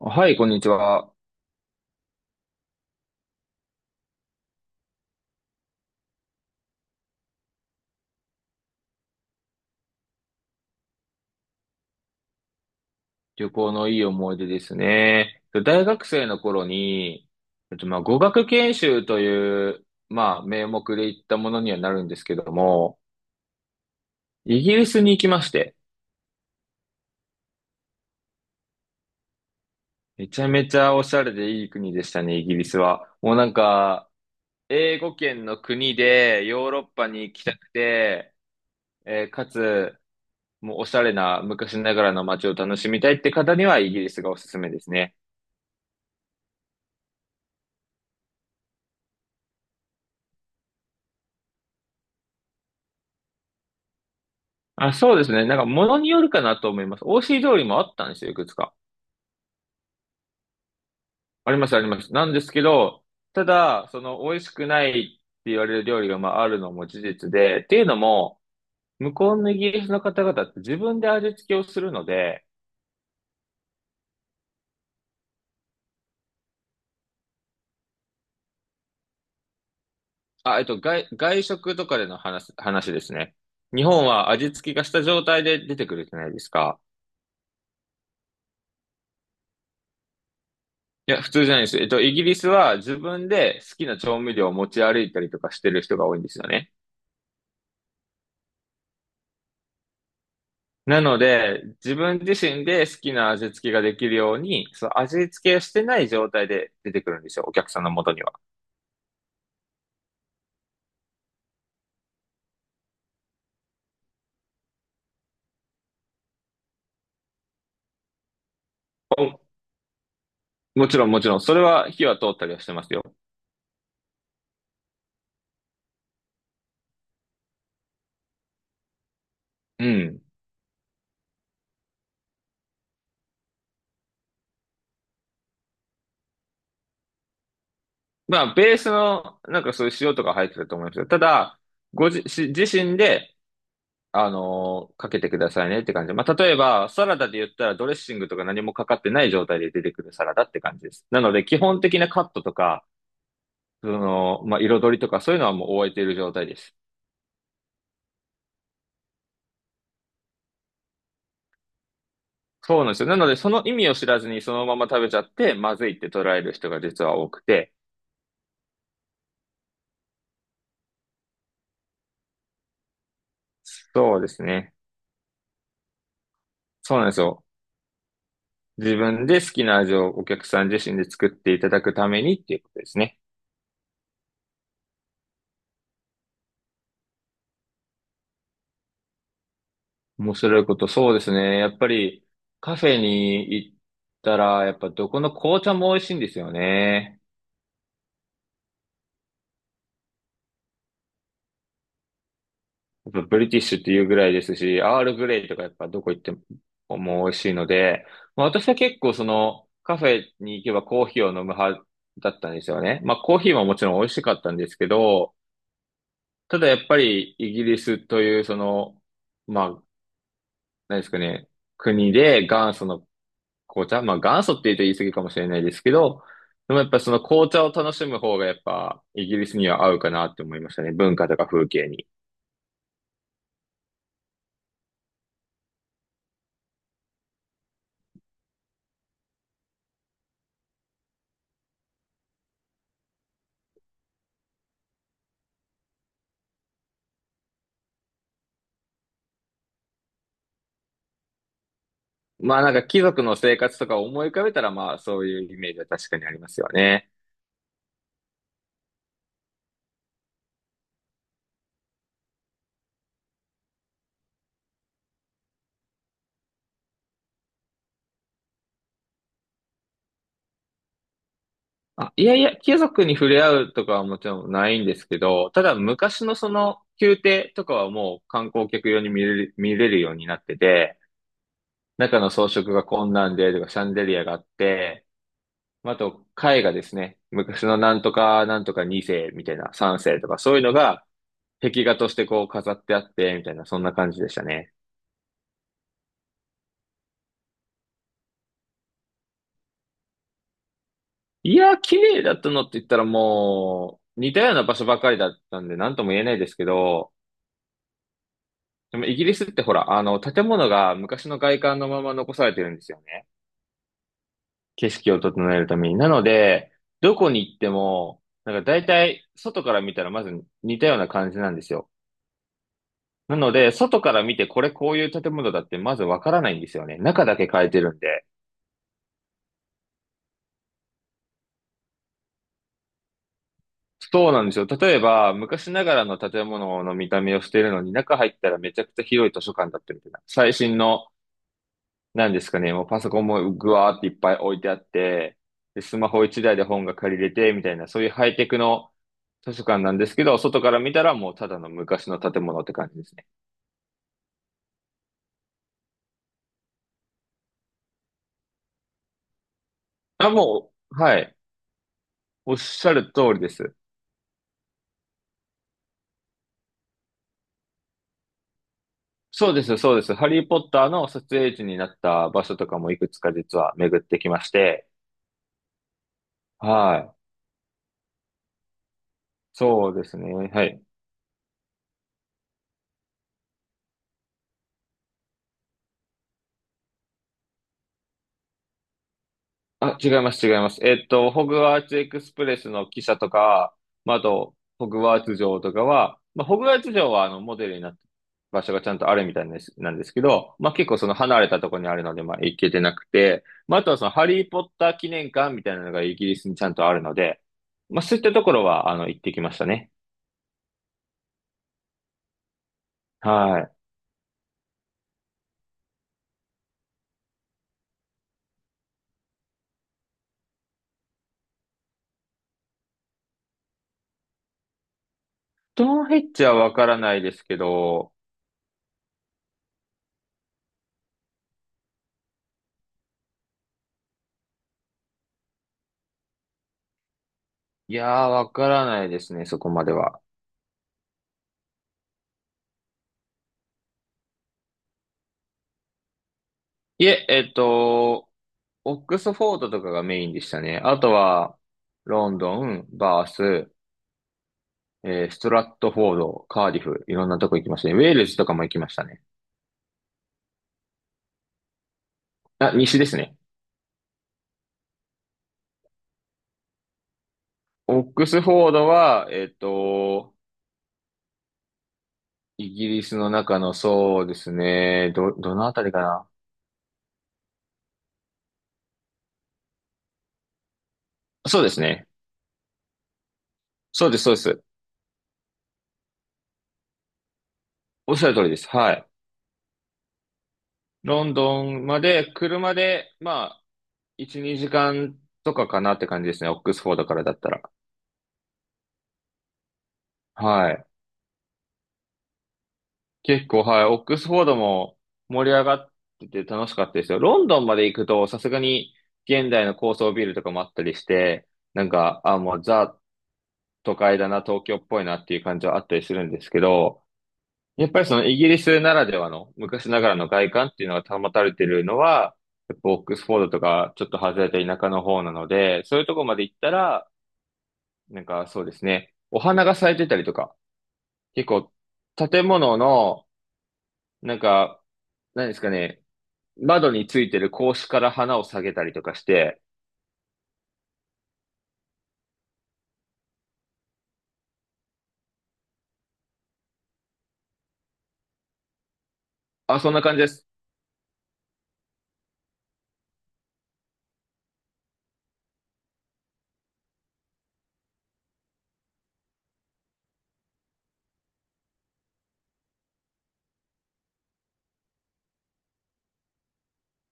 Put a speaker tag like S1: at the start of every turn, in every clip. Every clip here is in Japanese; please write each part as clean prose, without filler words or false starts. S1: はい、こんにちは。旅行のいい思い出ですね。大学生の頃に、まあ、語学研修という、まあ、名目で行ったものにはなるんですけども、イギリスに行きまして、めちゃめちゃおしゃれでいい国でしたね、イギリスは。もうなんか、英語圏の国でヨーロッパに行きたくて、えーかつ、もうおしゃれな昔ながらの街を楽しみたいって方にはイギリスがおすすめですね。あ、そうですね。なんか、ものによるかなと思います。しい料理もあったんですよ、いくつか。あります、あります。なんですけど、ただ、その、美味しくないって言われる料理が、まあ、あるのも事実で、っていうのも、向こうのイギリスの方々って自分で味付けをするので、あ、外食とかでの話ですね。日本は味付けがした状態で出てくるじゃないですか。いや、普通じゃないです。イギリスは自分で好きな調味料を持ち歩いたりとかしてる人が多いんですよね。なので、自分自身で好きな味付けができるように、その味付けをしてない状態で出てくるんですよ、お客さんの元には。おもちろん、もちろん、それは火は通ったりはしてますよ。うん。まあ、ベースの、なんかそういう塩とか入ってると思いますよ。ただ、し自身で、かけてくださいねって感じ。まあ、例えば、サラダで言ったらドレッシングとか何もかかってない状態で出てくるサラダって感じです。なので、基本的なカットとか、その、まあ、彩りとかそういうのはもう終えている状態です。そうなんですよ。なので、その意味を知らずにそのまま食べちゃって、まずいって捉える人が実は多くて、そうですね。そうなんですよ。自分で好きな味をお客さん自身で作っていただくためにっていうことですね。面白いこと、そうですね。やっぱりカフェに行ったら、やっぱどこの紅茶も美味しいんですよね。やっぱブリティッシュっていうぐらいですし、アールグレイとかやっぱどこ行ってももう美味しいので、まあ、私は結構そのカフェに行けばコーヒーを飲む派だったんですよね。まあコーヒーももちろん美味しかったんですけど、ただやっぱりイギリスというその、まあ、何ですかね、国で元祖の紅茶、まあ元祖って言うと言い過ぎかもしれないですけど、でもやっぱその紅茶を楽しむ方がやっぱイギリスには合うかなって思いましたね。文化とか風景に。まあなんか貴族の生活とかを思い浮かべたらまあそういうイメージは確かにありますよね。あ、いやいや、貴族に触れ合うとかはもちろんないんですけど、ただ昔のその宮廷とかはもう観光客用に見れるようになってて、中の装飾がこんなんでとかシャンデリアがあって、まあと絵画ですね。昔のなんとかなんとか2世みたいな3世とかそういうのが壁画としてこう飾ってあってみたいなそんな感じでしたね。いや、綺麗だったのって言ったらもう、似たような場所ばかりだったんで、なんとも言えないですけど、でもイギリスってほら、あの、建物が昔の外観のまま残されてるんですよね。景色を整えるために。なので、どこに行っても、なんか大体、外から見たらまず似たような感じなんですよ。なので、外から見てこれこういう建物だってまずわからないんですよね。中だけ変えてるんで。そうなんですよ。例えば、昔ながらの建物の見た目をしているのに、中入ったらめちゃくちゃ広い図書館だったみたいな。最新の、なんですかね、もうパソコンもぐわーっていっぱい置いてあって、で、スマホ一台で本が借りれて、みたいな、そういうハイテクの図書館なんですけど、外から見たらもうただの昔の建物って感じですね。あ、もう、はい。おっしゃる通りです。そうです、そうです。ハリー・ポッターの撮影地になった場所とかもいくつか実は巡ってきまして、はい。そうですね。はい。あ、違います、違います。ホグワーツエクスプレスの汽車とか、まあ、あと、ホグワーツ城とかは、まあ、ホグワーツ城は、あの、モデルになって、場所がちゃんとあるみたいです、なんですけど、まあ、結構その離れたところにあるので、まあ、行けてなくて、まあ、あとはその、ハリーポッター記念館みたいなのがイギリスにちゃんとあるので、まあ、そういったところは、あの、行ってきましたね。はい。ストーンヘッジはわからないですけど、いやー、わからないですね、そこまでは。いえ、オックスフォードとかがメインでしたね。あとは、ロンドン、バース、ストラットフォード、カーディフ、いろんなとこ行きましたね。ウェールズとかも行きましたね。あ、西ですね。オックスフォードは、イギリスの中の、そうですね、どのあたりかな。そうですね。そうです、そうです。おっしゃる通りです。はい。ロンドンまで、車で、まあ、1、2時間とかかなって感じですね。オックスフォードからだったら。はい。結構、はい、オックスフォードも盛り上がってて楽しかったですよ。ロンドンまで行くと、さすがに現代の高層ビルとかもあったりして、なんか、あ、もうザ都会だな、東京っぽいなっていう感じはあったりするんですけど、やっぱりそのイギリスならではの昔ながらの外観っていうのが保たれてるのは、やっぱオックスフォードとかちょっと外れた田舎の方なので、そういうとこまで行ったら、なんかそうですね、お花が咲いてたりとか、結構建物のなんか、何ですかね、窓についてる格子から花を下げたりとかして、あ、そんな感じです。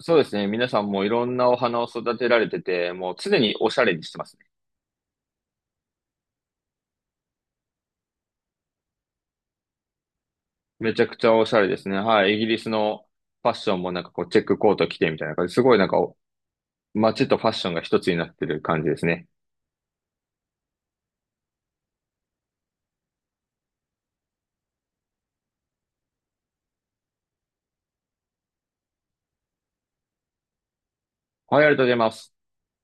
S1: そうですね。皆さんもいろんなお花を育てられてて、もう常におしゃれにしてますね。めちゃくちゃおしゃれですね。はい。イギリスのファッションもなんかこうチェックコート着てみたいな感じ。すごいなんかお街とファッションが一つになってる感じですね。はい、ありがとうございます。